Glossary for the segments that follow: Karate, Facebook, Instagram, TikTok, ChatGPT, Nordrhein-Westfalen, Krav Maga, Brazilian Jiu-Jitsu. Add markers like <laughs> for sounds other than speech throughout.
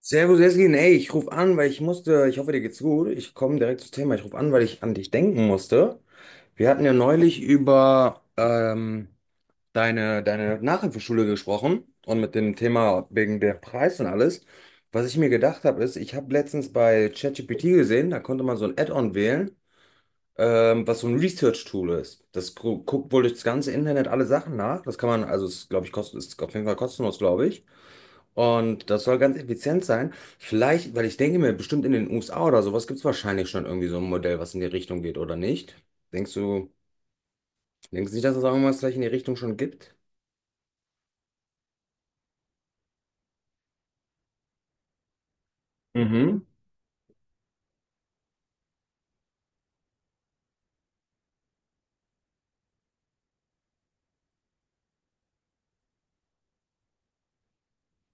Servus, Jessin. Ey, ich rufe an, weil ich musste, ich hoffe, dir geht's gut. Ich komme direkt zum Thema. Ich rufe an, weil ich an dich denken musste. Wir hatten ja neulich über deine Nachhilfeschule gesprochen und mit dem Thema wegen der Preis und alles. Was ich mir gedacht habe, ist, ich habe letztens bei ChatGPT gesehen, da konnte man so ein Add-on wählen, was so ein Research-Tool ist. Das gu guckt wohl durchs ganze Internet alle Sachen nach. Das kann man, also, es, glaube ich, kostet, ist auf jeden Fall kostenlos, glaube ich. Und das soll ganz effizient sein. Vielleicht, weil ich denke mir, bestimmt in den USA oder sowas gibt es wahrscheinlich schon irgendwie so ein Modell, was in die Richtung geht, oder nicht? Denkst du, denkst du nicht, dass es auch irgendwas vielleicht in die Richtung schon gibt? Mhm.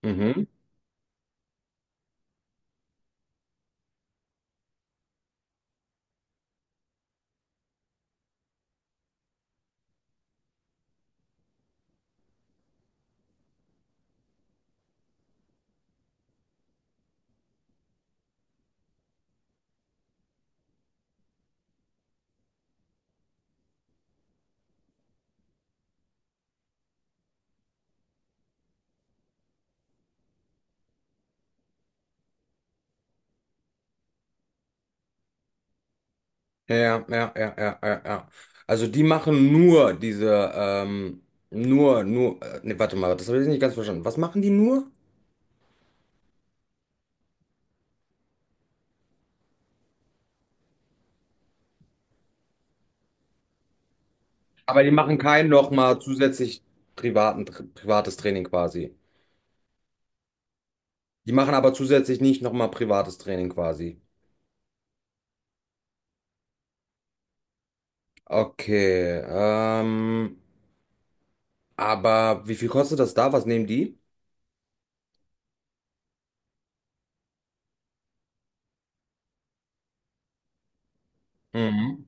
Mhm. Ja, ja, ja, ja, ja, ja. Also die machen nur diese, nee, warte mal, das habe ich nicht ganz verstanden. Was machen die nur? Aber die machen kein nochmal zusätzlich privaten, privates Training quasi. Die machen aber zusätzlich nicht nochmal privates Training quasi. Okay, aber wie viel kostet das da? Was nehmen die? Mhm.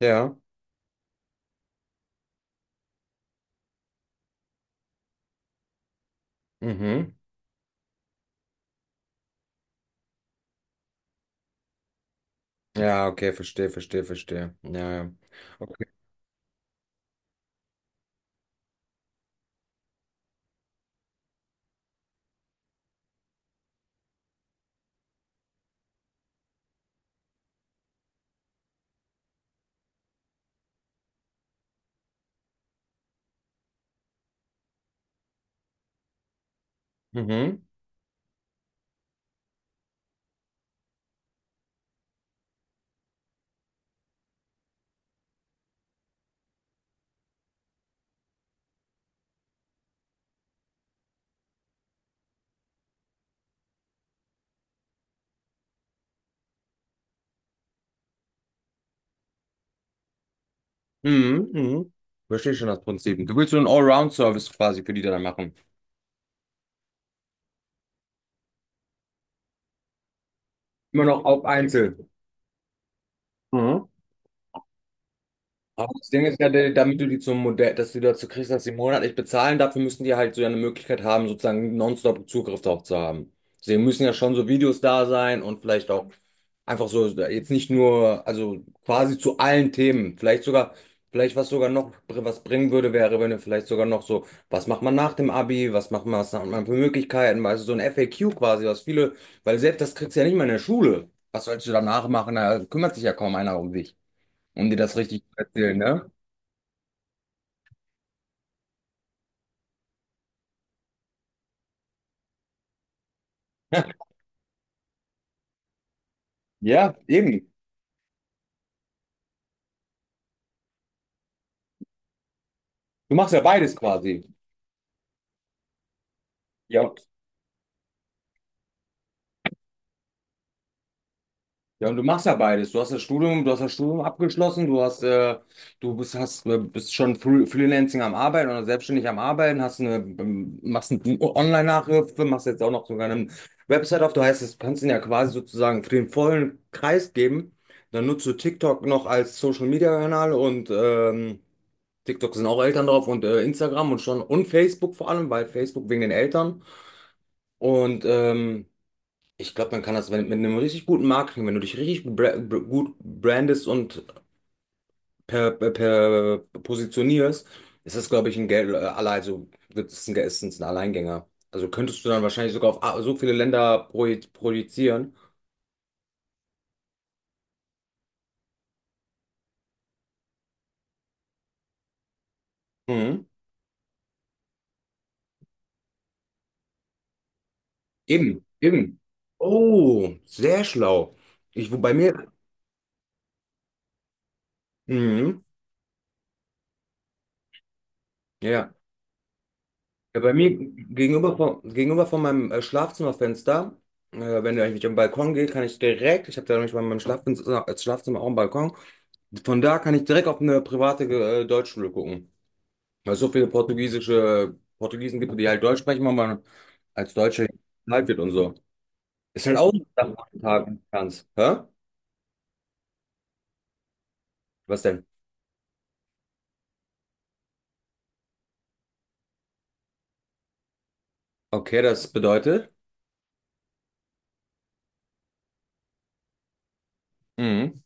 Ja. Mhm. Ja, okay, verstehe. Ja, ja. Okay. Mhm. Mhm. Mhm. Verstehe schon das Prinzip. Du willst so einen Allround-Service quasi für die dann machen. Immer noch auf Einzel. Mhm. Aber das Ding ist ja, damit du die zum Modell, dass du die dazu kriegst, dass sie monatlich bezahlen, dafür müssen die halt so ja eine Möglichkeit haben, sozusagen nonstop Zugriff darauf zu haben. Sie müssen ja schon so Videos da sein und vielleicht auch einfach so, jetzt nicht nur, also quasi zu allen Themen. Vielleicht was sogar noch was bringen würde, wäre, wenn du vielleicht sogar noch so, was macht man nach dem Abi, was macht man, was hat man für Möglichkeiten, also so ein FAQ quasi, was viele, weil selbst das kriegst du ja nicht mal in der Schule. Was sollst du danach machen? Da kümmert sich ja kaum einer um dich, um dir das richtig zu erzählen, ne? Ja, eben. Du machst ja beides quasi. Ja. Ja, und du machst ja beides. Du hast das Studium, du hast das Studium abgeschlossen, bist schon Freelancing am Arbeiten oder selbstständig am Arbeiten, machst eine Online-Nachhilfe, machst jetzt auch noch sogar eine Website auf. Du heißt, das kannst du ihn ja quasi sozusagen für den vollen Kreis geben. Dann nutzt du TikTok noch als Social-Media-Kanal und TikTok sind auch Eltern drauf und Instagram und schon und Facebook vor allem, weil Facebook wegen den Eltern. Und ich glaube, man kann das wenn, mit einem richtig guten Marketing, wenn du dich richtig gut, gut brandest und per positionierst, ist das, glaube ich, also wird es ein, ist es ein Alleingänger. Also könntest du dann wahrscheinlich sogar auf so viele Länder projizieren. Mhm. Eben, eben. Oh, sehr schlau. Ich, wo bei mir. Mhm. Ja. Ja, bei mir gegenüber von meinem Schlafzimmerfenster, wenn ich am Balkon gehe, kann ich direkt, ich habe da nämlich bei meinem Schlafzimmer auch einen Balkon, von da kann ich direkt auf eine private Deutschschule gucken. Weil es so viele portugiesische Portugiesen gibt, die halt Deutsch sprechen, weil man als Deutscher halt wird und so. Ist halt auch eine Sache heutzutage, ganz. Hä? Was denn? Okay, das bedeutet. Mhm.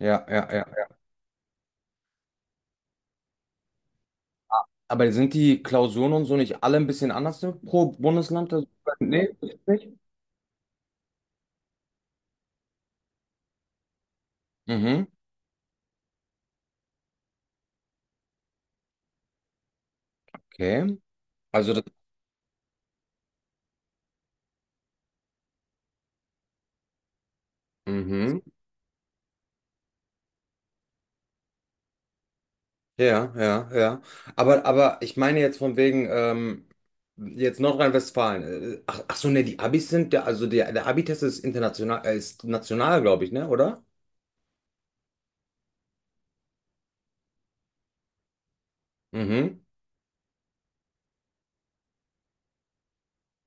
Ja, ja, ja. Aber sind die Klausuren und so nicht alle ein bisschen anders pro Bundesland? Also, nee, ist nicht. Mhm. Okay. Also das, mhm. Ja, ja, ja. Aber ich meine jetzt von wegen, jetzt Nordrhein-Westfalen. Ach, ach so, ne, die Abis sind, der, also der, der Abi-Test ist international, ist national, glaube ich, ne, oder? Mhm.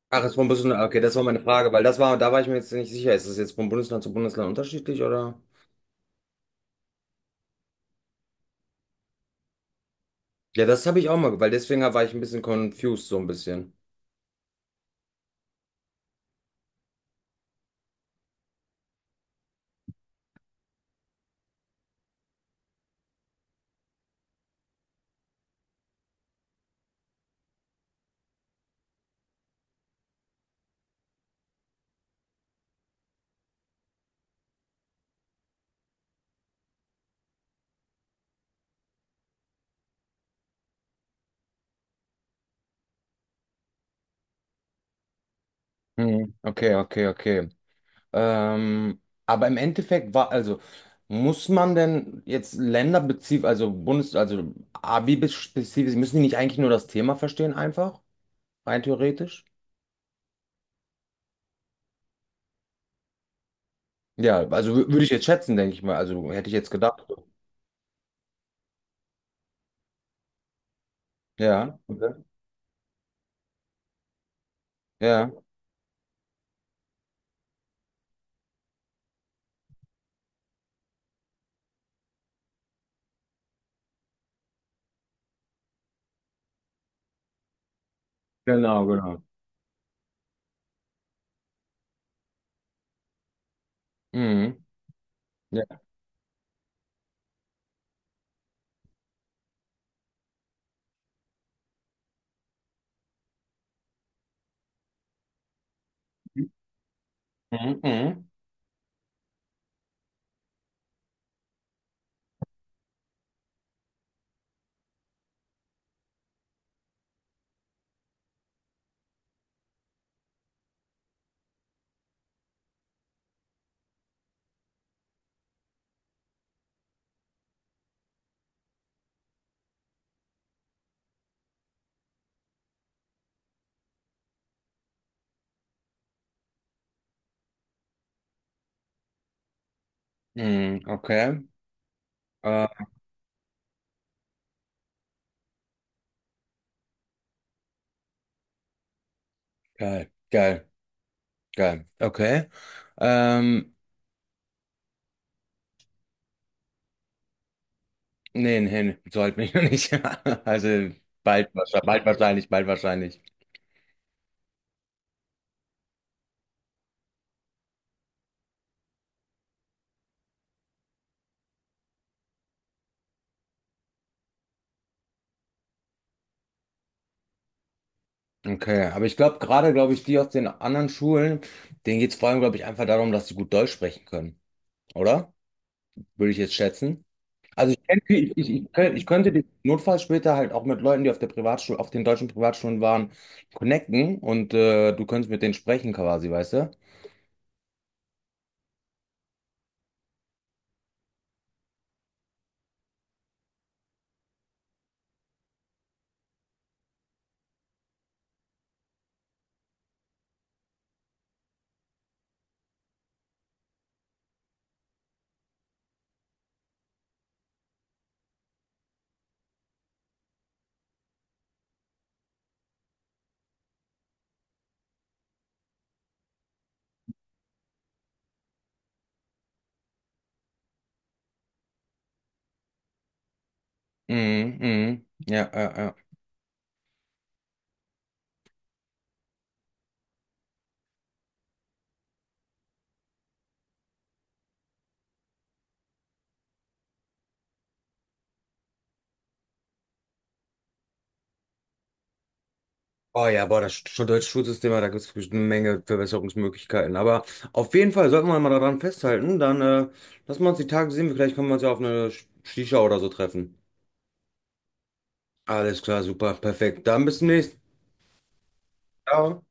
Ach, ist vom Bundesland, okay, das war meine Frage, weil das war, da war ich mir jetzt nicht sicher, ist das jetzt von Bundesland zu Bundesland unterschiedlich, oder? Ja, das habe ich auch mal, weil deswegen war ich ein bisschen confused, so ein bisschen. Hm, okay, okay, okay. Ähm, aber im Endeffekt war, also muss man denn jetzt länderspezifisch, also Bundes, also Abi-spezifisch, müssen die nicht eigentlich nur das Thema verstehen einfach, rein theoretisch? Ja, also würde ich jetzt schätzen, denke ich mal. Also hätte ich jetzt gedacht. Ja, okay. Ja, genau, genau. Mhm. Ja. Mhm, mhm. Mhm, okay. Äh, geil, geil, geil. Okay. Ähm, nee, nee, nee, sollte mich noch nicht. <laughs> Also bald, bald wahrscheinlich, bald wahrscheinlich. Okay, aber ich glaube gerade, glaube ich, die aus den anderen Schulen, denen geht es vor allem, glaube ich, einfach darum, dass sie gut Deutsch sprechen können, oder? Würde ich jetzt schätzen. Also ich, kenn- ich könnt- ich könnte den Notfall später halt auch mit Leuten, die auf der Privatschule, auf den deutschen Privatschulen waren, connecten und du könntest mit denen sprechen quasi, weißt du? Mhm, mhm. Ja, ja, ja. Oh ja, boah, das deutsche Schulsystem, da gibt es eine Menge Verbesserungsmöglichkeiten. Aber auf jeden Fall sollten wir mal daran festhalten. Dann lassen wir uns die Tage sehen. Vielleicht können wir uns ja auf eine Shisha oder so treffen. Alles klar, super, perfekt. Dann bis zum nächsten Mal. Ciao.